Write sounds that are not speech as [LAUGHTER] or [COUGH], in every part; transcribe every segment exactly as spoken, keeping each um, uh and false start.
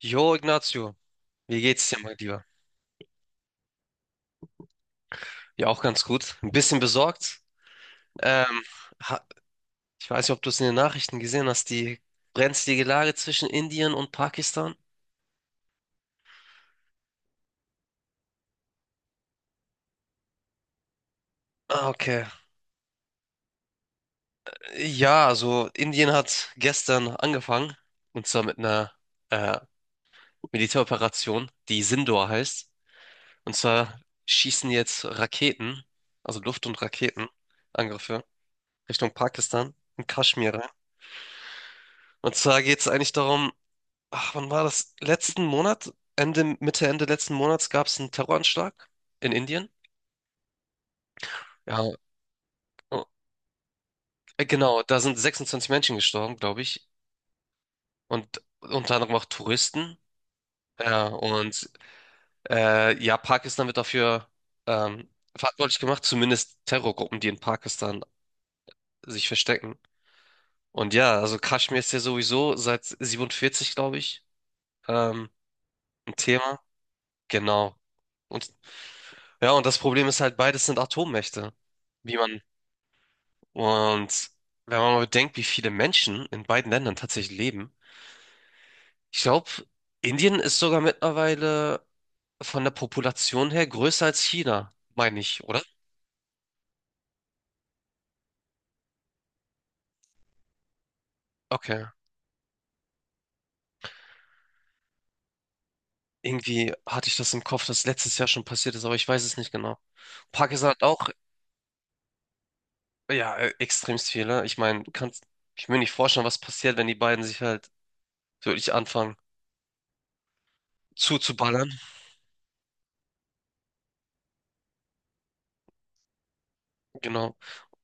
Jo, Ignacio, wie geht's dir, mein Lieber? Ja, auch ganz gut. Ein bisschen besorgt. Ähm, ha- Ich weiß nicht, ob du es in den Nachrichten gesehen hast, die brenzlige Lage zwischen Indien und Pakistan. Ah, okay. Ja, also Indien hat gestern angefangen, und zwar mit einer äh, Militäroperation, die Sindoor heißt. Und zwar schießen jetzt Raketen, also Luft- und Raketenangriffe Richtung Pakistan und Kaschmir rein. Und zwar geht es eigentlich darum, ach, wann war das? Letzten Monat, Ende, Mitte, Ende letzten Monats gab es einen Terroranschlag in Indien. Ja, oh, äh, genau, da sind sechsundzwanzig Menschen gestorben, glaube ich. Und unter anderem auch Touristen. Ja, und äh, ja, Pakistan wird dafür ähm, verantwortlich gemacht, zumindest Terrorgruppen, die in Pakistan sich verstecken. Und ja, also Kaschmir ist ja sowieso seit siebenundvierzig, glaube ich, ähm, ein Thema. Genau. Und ja, und das Problem ist halt, beides sind Atommächte. Wie man Und wenn man mal bedenkt, wie viele Menschen in beiden Ländern tatsächlich leben, ich glaube, Indien ist sogar mittlerweile von der Population her größer als China, meine ich, oder? Okay. Irgendwie hatte ich das im Kopf, dass letztes Jahr schon passiert ist, aber ich weiß es nicht genau. Pakistan hat auch, ja, äh, extremst viele. Ich meine, du kannst, ich will nicht vorstellen, was passiert, wenn die beiden sich halt wirklich anfangen zuzuballern. Genau.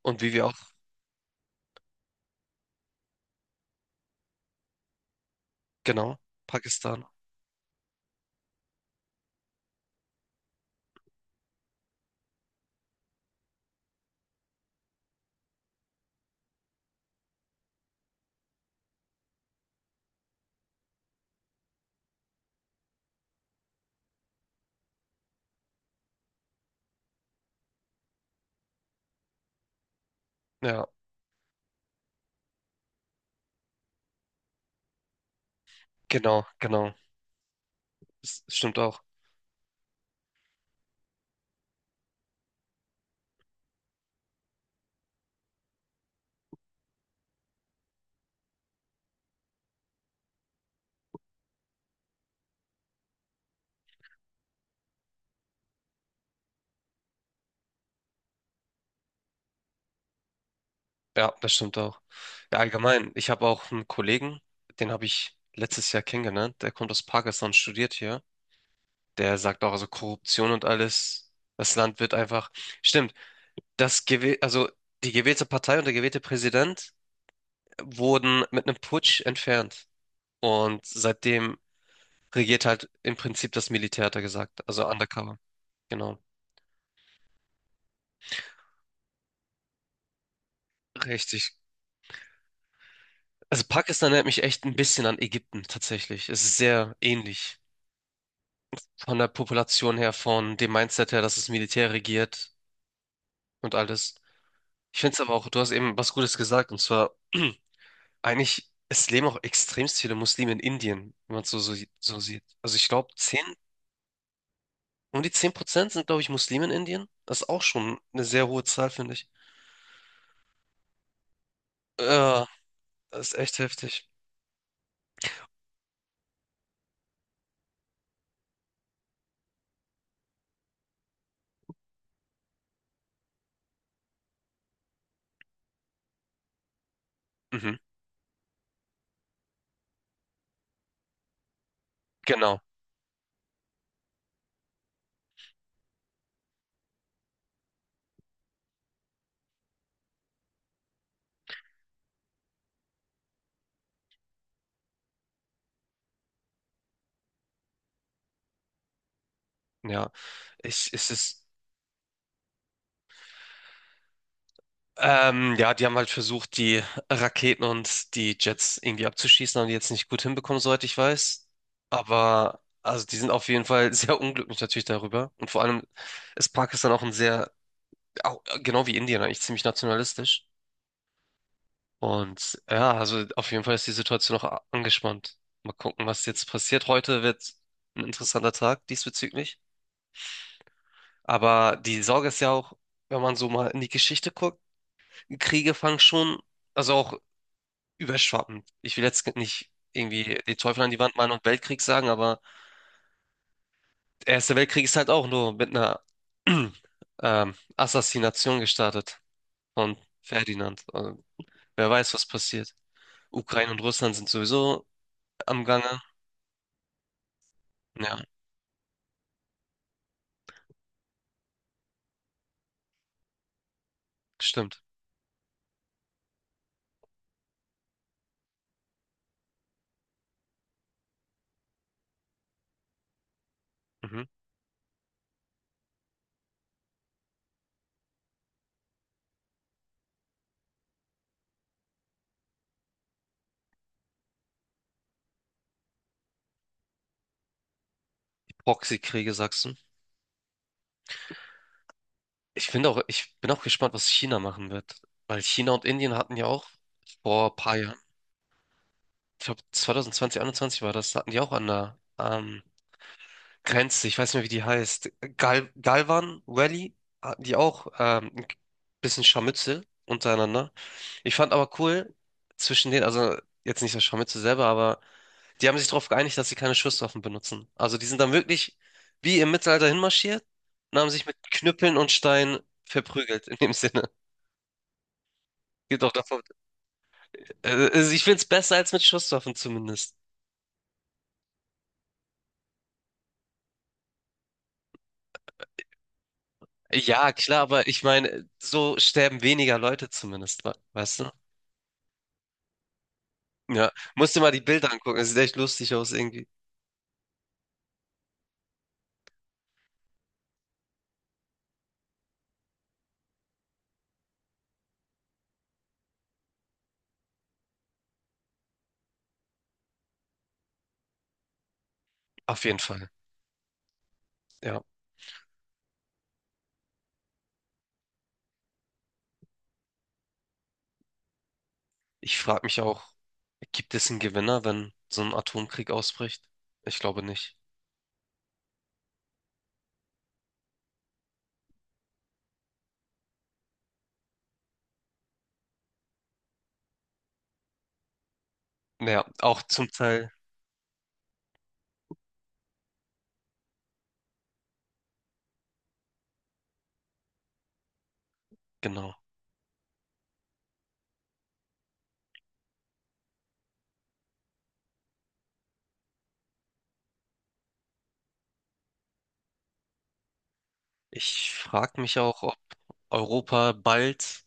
Und wie wir auch, genau, Pakistan. Ja, genau, genau. Das stimmt auch. Ja, das stimmt auch. Ja, allgemein, ich habe auch einen Kollegen, den habe ich letztes Jahr kennengelernt. Der kommt aus Pakistan, studiert hier. Der sagt auch, also Korruption und alles, das Land wird einfach. Stimmt, das gewäh also die gewählte Partei und der gewählte Präsident wurden mit einem Putsch entfernt. Und seitdem regiert halt im Prinzip das Militär, hat er gesagt. Also undercover. Genau. Richtig. Also Pakistan erinnert mich echt ein bisschen an Ägypten, tatsächlich. Es ist sehr ähnlich, von der Population her, von dem Mindset her, dass das Militär regiert und alles. Ich finde es aber auch, du hast eben was Gutes gesagt, und zwar [CLEARS THROAT] eigentlich, es leben auch extremst viele Muslime in Indien, wenn man es so, so, so sieht. Also ich glaube, zehn um die zehn Prozent sind, glaube ich, Muslime in Indien. Das ist auch schon eine sehr hohe Zahl, finde ich. Ja, das ist echt heftig. Mhm. Genau, ja. Ich, es ist Ähm, ja, die haben halt versucht, die Raketen und die Jets irgendwie abzuschießen, haben die jetzt nicht gut hinbekommen, soweit ich weiß. Aber also die sind auf jeden Fall [LAUGHS] sehr unglücklich natürlich darüber. Und vor allem ist Pakistan auch ein sehr, auch, genau wie Indien eigentlich, ziemlich nationalistisch. Und ja, also auf jeden Fall ist die Situation noch a- angespannt. Mal gucken, was jetzt passiert. Heute wird ein interessanter Tag diesbezüglich. Aber die Sorge ist ja auch, wenn man so mal in die Geschichte guckt, Kriege fangen schon, also auch überschwappen. Ich will jetzt nicht irgendwie die Teufel an die Wand malen und Weltkrieg sagen, aber der Erste Weltkrieg ist halt auch nur mit einer [CLEARS THROAT] ähm, Assassination gestartet von Ferdinand. Also, wer weiß, was passiert. Ukraine und Russland sind sowieso am Gange. Ja, stimmt. Mhm. Die Proxykriege, sagst du? Ich finde auch, ich bin auch gespannt, was China machen wird. Weil China und Indien hatten ja auch vor ein paar Jahren, ich glaube zwanzig zwanzig, zwanzig einundzwanzig war das, hatten die auch an der, ähm, Grenze, ich weiß nicht mehr, wie die heißt. Gal Galvan Valley, hatten die auch ähm, ein bisschen Scharmützel untereinander. Ich fand aber cool, zwischen denen, also jetzt nicht das Scharmützel selber, aber die haben sich darauf geeinigt, dass sie keine Schusswaffen benutzen. Also die sind dann wirklich wie im Mittelalter hinmarschiert und haben sich mit Knüppeln und Steinen verprügelt, in dem [LAUGHS] Sinne. Geht auch davon. Äh, also ich finde es besser als mit Schusswaffen zumindest. Ja, klar, aber ich meine, so sterben weniger Leute zumindest, we- weißt du? Ja, musst dir mal die Bilder angucken. Es sieht echt lustig aus irgendwie. Auf jeden Fall. Ja. Ich frage mich auch, gibt es einen Gewinner, wenn so ein Atomkrieg ausbricht? Ich glaube nicht. Ja, auch zum Teil, genau. Ich frage mich auch, ob Europa bald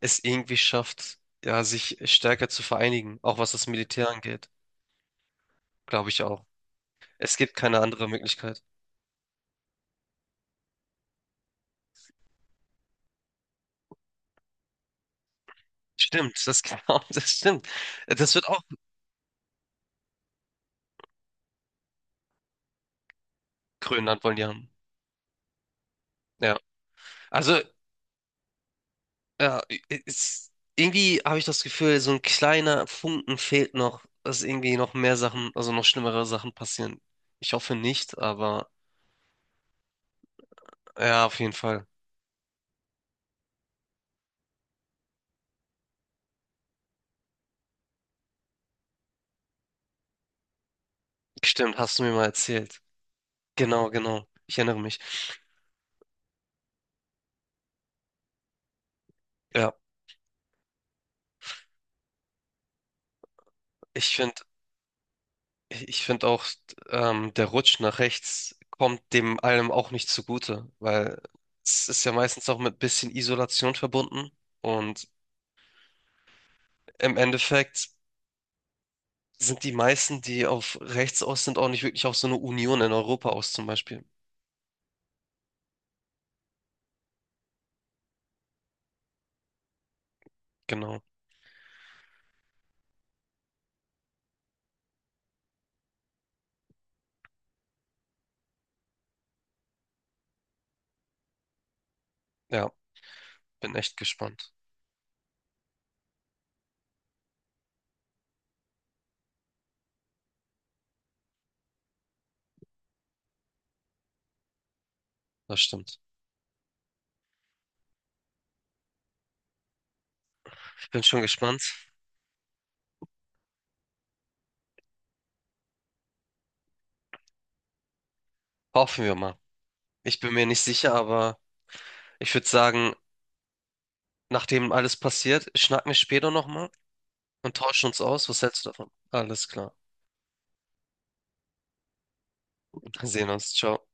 es irgendwie schafft, ja, sich stärker zu vereinigen, auch was das Militär angeht. Glaube ich auch. Es gibt keine andere Möglichkeit. Stimmt, das, [LAUGHS] genau, das stimmt. Das wird auch Grönland wollen die haben. Ja. Also. Ja, es irgendwie habe ich das Gefühl, so ein kleiner Funken fehlt noch, dass irgendwie noch mehr Sachen, also noch schlimmere Sachen passieren. Ich hoffe nicht, aber ja, auf jeden Fall. Stimmt, hast du mir mal erzählt. Genau, genau. Ich erinnere mich. Ja, ich finde, ich finde auch, ähm, der Rutsch nach rechts kommt dem allem auch nicht zugute, weil es ist ja meistens auch mit bisschen Isolation verbunden und im Endeffekt sind die meisten, die auf rechts aus sind, auch nicht wirklich auf so eine Union in Europa aus, zum Beispiel. Genau. Ja, bin echt gespannt. Das stimmt. Ich bin schon gespannt. Hoffen wir mal. Ich bin mir nicht sicher, aber ich würde sagen, nachdem alles passiert, schnacken wir später nochmal und tauschen uns aus. Was hältst du davon? Alles klar. Wir sehen uns. Ciao.